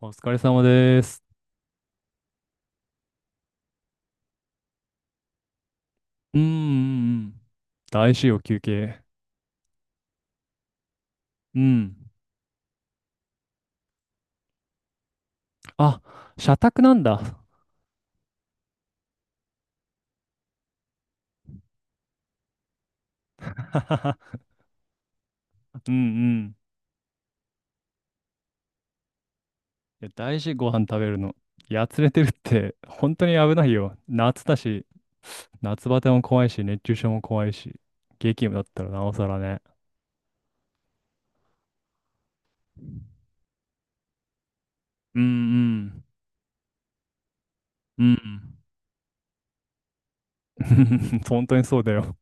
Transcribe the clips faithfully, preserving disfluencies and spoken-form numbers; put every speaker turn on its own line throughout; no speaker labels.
お疲れ様です。うんうんうん。大事様休憩。うん。あ、社宅なんだ。うんうん。いや、大事ご飯食べるの。やつれてるって、本当に危ないよ。夏だし、夏バテも怖いし、熱中症も怖いし、激務だったらなおさらね。うんうん。うんうん。本当にそうだよ。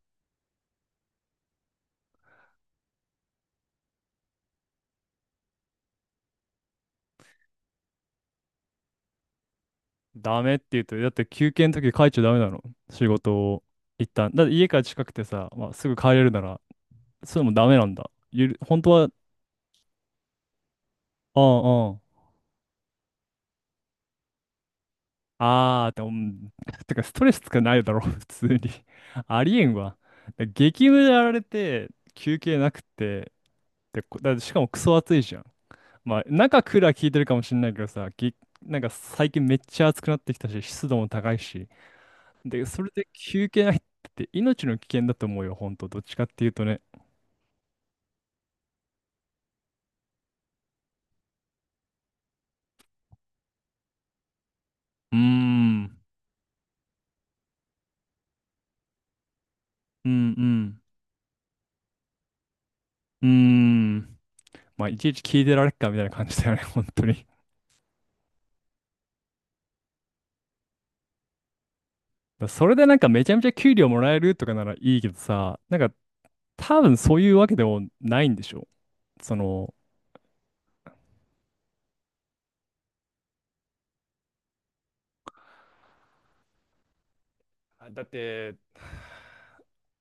ダメって言うと、だって休憩の時帰っちゃダメなの。仕事を一旦。だって家から近くてさ、まあ、すぐ帰れるならそれもダメなんだ。ゆる、本当は、うんうん。ああ、でも、うん。 てかストレスつかないだろ、普通に。ありえんわ。だ激務でやられて、休憩なくて、で、こだしかもクソ暑いじゃん。まあ、中クーラー効いてるかもしんないけどさ、ぎ、なんか最近めっちゃ暑くなってきたし、湿度も高いし。で、それで休憩ないって命の危険だと思うよ、ほんと。どっちかっていうとね。うーん、うんうん、うーん。まあ、いちいち聞いてられっかみたいな感じだよね、本当に。だそれでなんかめちゃめちゃ給料もらえるとかならいいけどさ、なんか多分そういうわけでもないんでしょ。その、あだって、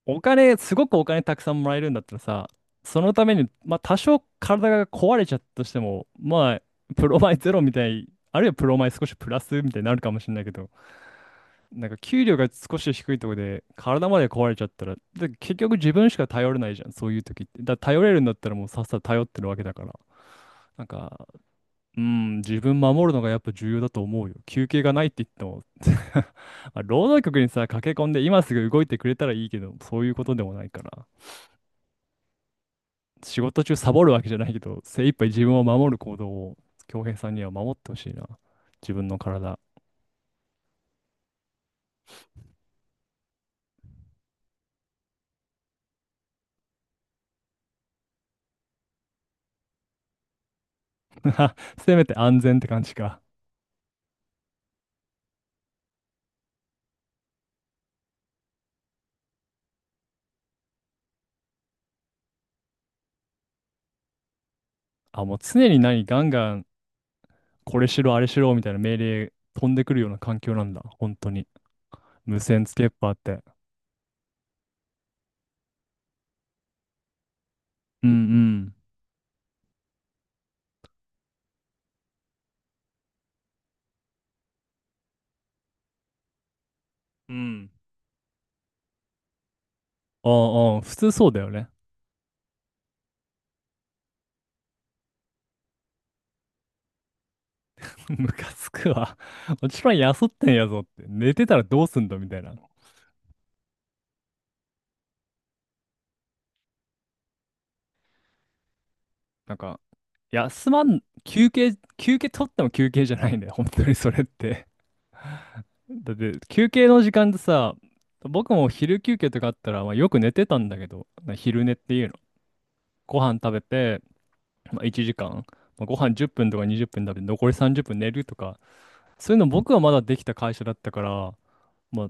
お金、すごくお金たくさんもらえるんだったらさ、そのために、まあ多少体が壊れちゃったとしても、まあ、プロマイゼロみたい、あるいはプロマイ少しプラスみたいになるかもしれないけど、なんか給料が少し低いところで体まで壊れちゃったら、で結局自分しか頼れないじゃん、そういう時って。だから頼れるんだったらもうさっさと頼ってるわけだから。なんか、うん、自分守るのがやっぱ重要だと思うよ。休憩がないって言っても。 まあ労働局にさ、駆け込んで今すぐ動いてくれたらいいけど、そういうことでもないから。仕事中サボるわけじゃないけど、精一杯自分を守る行動を、恭平さんには守ってほしいな。自分の体。せめて安全って感じか。あ、もう常に何、ガンガン、これしろ、あれしろ、みたいな命令飛んでくるような環境なんだ。本当に。無線つけっぱって。うんうん。うん。ああ、普通そうだよね。ムカつくわ。もちろん休ってんやぞって。寝てたらどうすんだみたいな。なんか、休まん、休憩、休憩取っても休憩じゃないんだよ。本当にそれって。だって、休憩の時間でさ、僕も昼休憩とかあったら、まあ、よく寝てたんだけど、な昼寝っていうの。ご飯食べて、まあ、いちじかん、まあ、ご飯じゅっぷんとかにじゅっぷん食べて、残りさんじゅっぷん寝るとか、そういうの僕はまだできた会社だったから、まあ、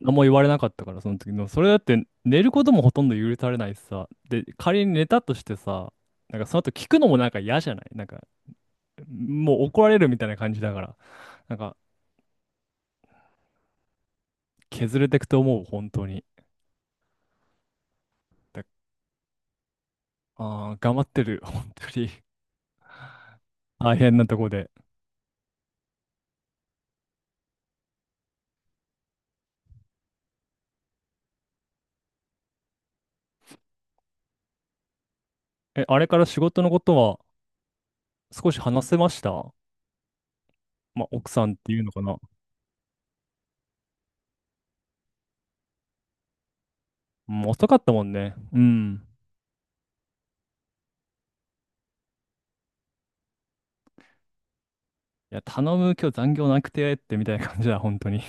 何も言われなかったから、その時の。それだって、寝ることもほとんど許されないしさ。で、仮に寝たとしてさ、なんかその後聞くのもなんか嫌じゃないなんか、もう怒られるみたいな感じだから。なんか、削れてくと思う、本当に。だああ、頑張ってる、本当に。大変なとこで。え、あれから仕事のことは少し話せました？まあ、奥さんっていうのかな。うん、遅かったもんね。うん。いや、頼む、今日残業なくてってみたいな感じだ、本当に。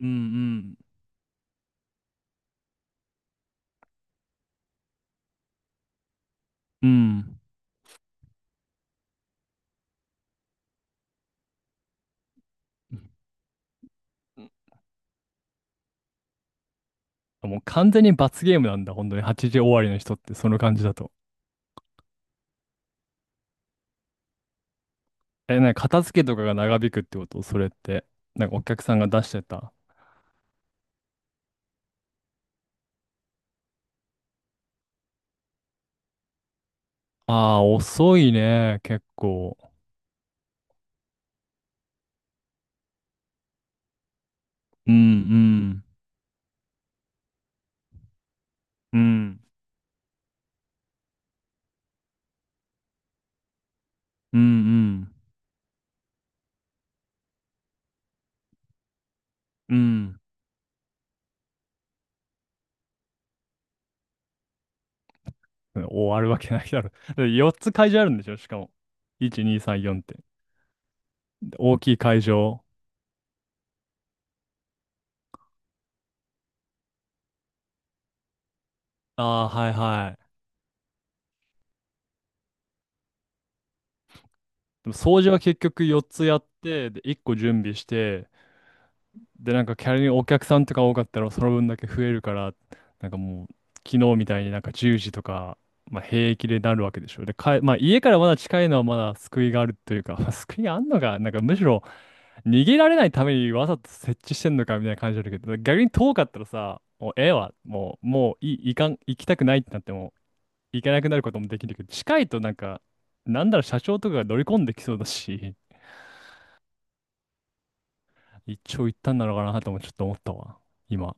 うんうん。うん。もう完全に罰ゲームなんだ、本当に。はちじ終わりの人って、その感じだと。え、なんか片付けとかが長引くってことそれって。なんかお客さんが出してた。ああ、遅いね、結構。うんうん。うんうんうんうん終わるわけないだろ。だってよっつ会場あるんでしょしかも。いち、に、さん、よんって。で大きい会場。ああ、はいはい。でも掃除は結局よっつやって、で、いっこ準備して、で、なんか仮にお客さんとか多かったらその分だけ増えるから、なんかもう昨日みたいになんかじゅうじとか、まあ、平気でなるわけでしょ。で、かえ、まあ、家からまだ近いのはまだ救いがあるというか、まあ救いがあんのか、なんかむしろ逃げられないためにわざと設置してんのかみたいな感じあるけど、逆に遠かったらさ、もうええわ、もう、もういい、いかん、行きたくないってなっても、行けなくなることもできるけど、近いとなんか、なんだろう、社長とかが乗り込んできそうだし、一長一短なのかなともちょっと思ったわ、今。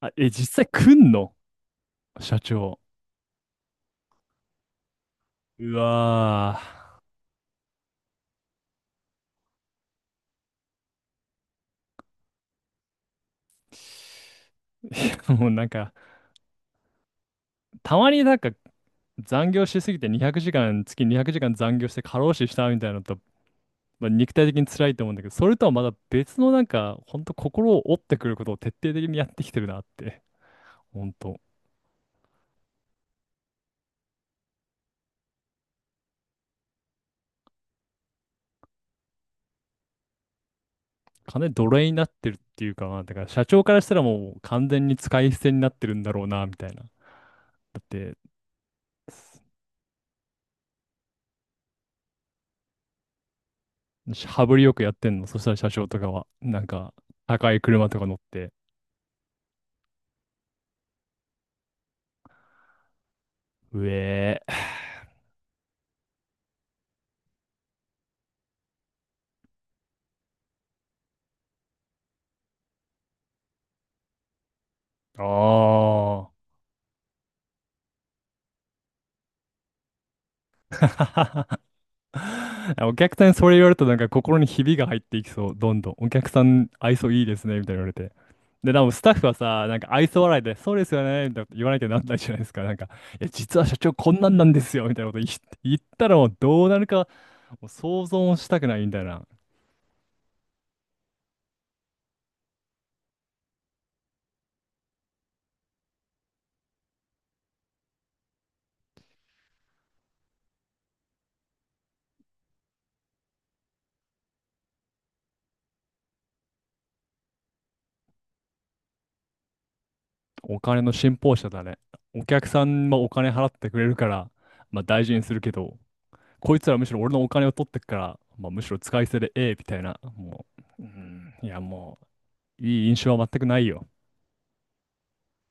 あ、え、実際来んの社長。うわー。いや、もうなんか、たまになんか残業しすぎてにひゃくじかん、月にひゃくじかん残業して過労死したみたいなのと、まあ、肉体的に辛いと思うんだけど、それとはまだ別のなんか、ほんと心を折ってくることを徹底的にやってきてるなって。ほんと。金奴隷になってるっていうか、まあだから社長からしたらもう完全に使い捨てになってるんだろうな、みたいな。だって、羽振りよくやってんの。そしたら社長とかは、なんか、高い車とか乗って、うえー。ああ。お客さんにそれ言われるとなんか心にひびが入っていきそう。どんどん。お客さん愛想いいですね。みたいな言われて。で、でもスタッフはさ、なんか愛想笑いで、そうですよね。みたいなこと言わなきゃなんないじゃないですか。なんか、いや、実は社長こんなんなんですよ。みたいなこと言い言ったらもうどうなるかもう想像もしたくないみたいな。お金の信奉者だね。お客さんもお金払ってくれるから、まあ大事にするけど。こいつらむしろ俺のお金を取ってっから、まあ、むしろ使い捨てでええみたいな、もう、うん、いやもう、いい印象は全くないよ。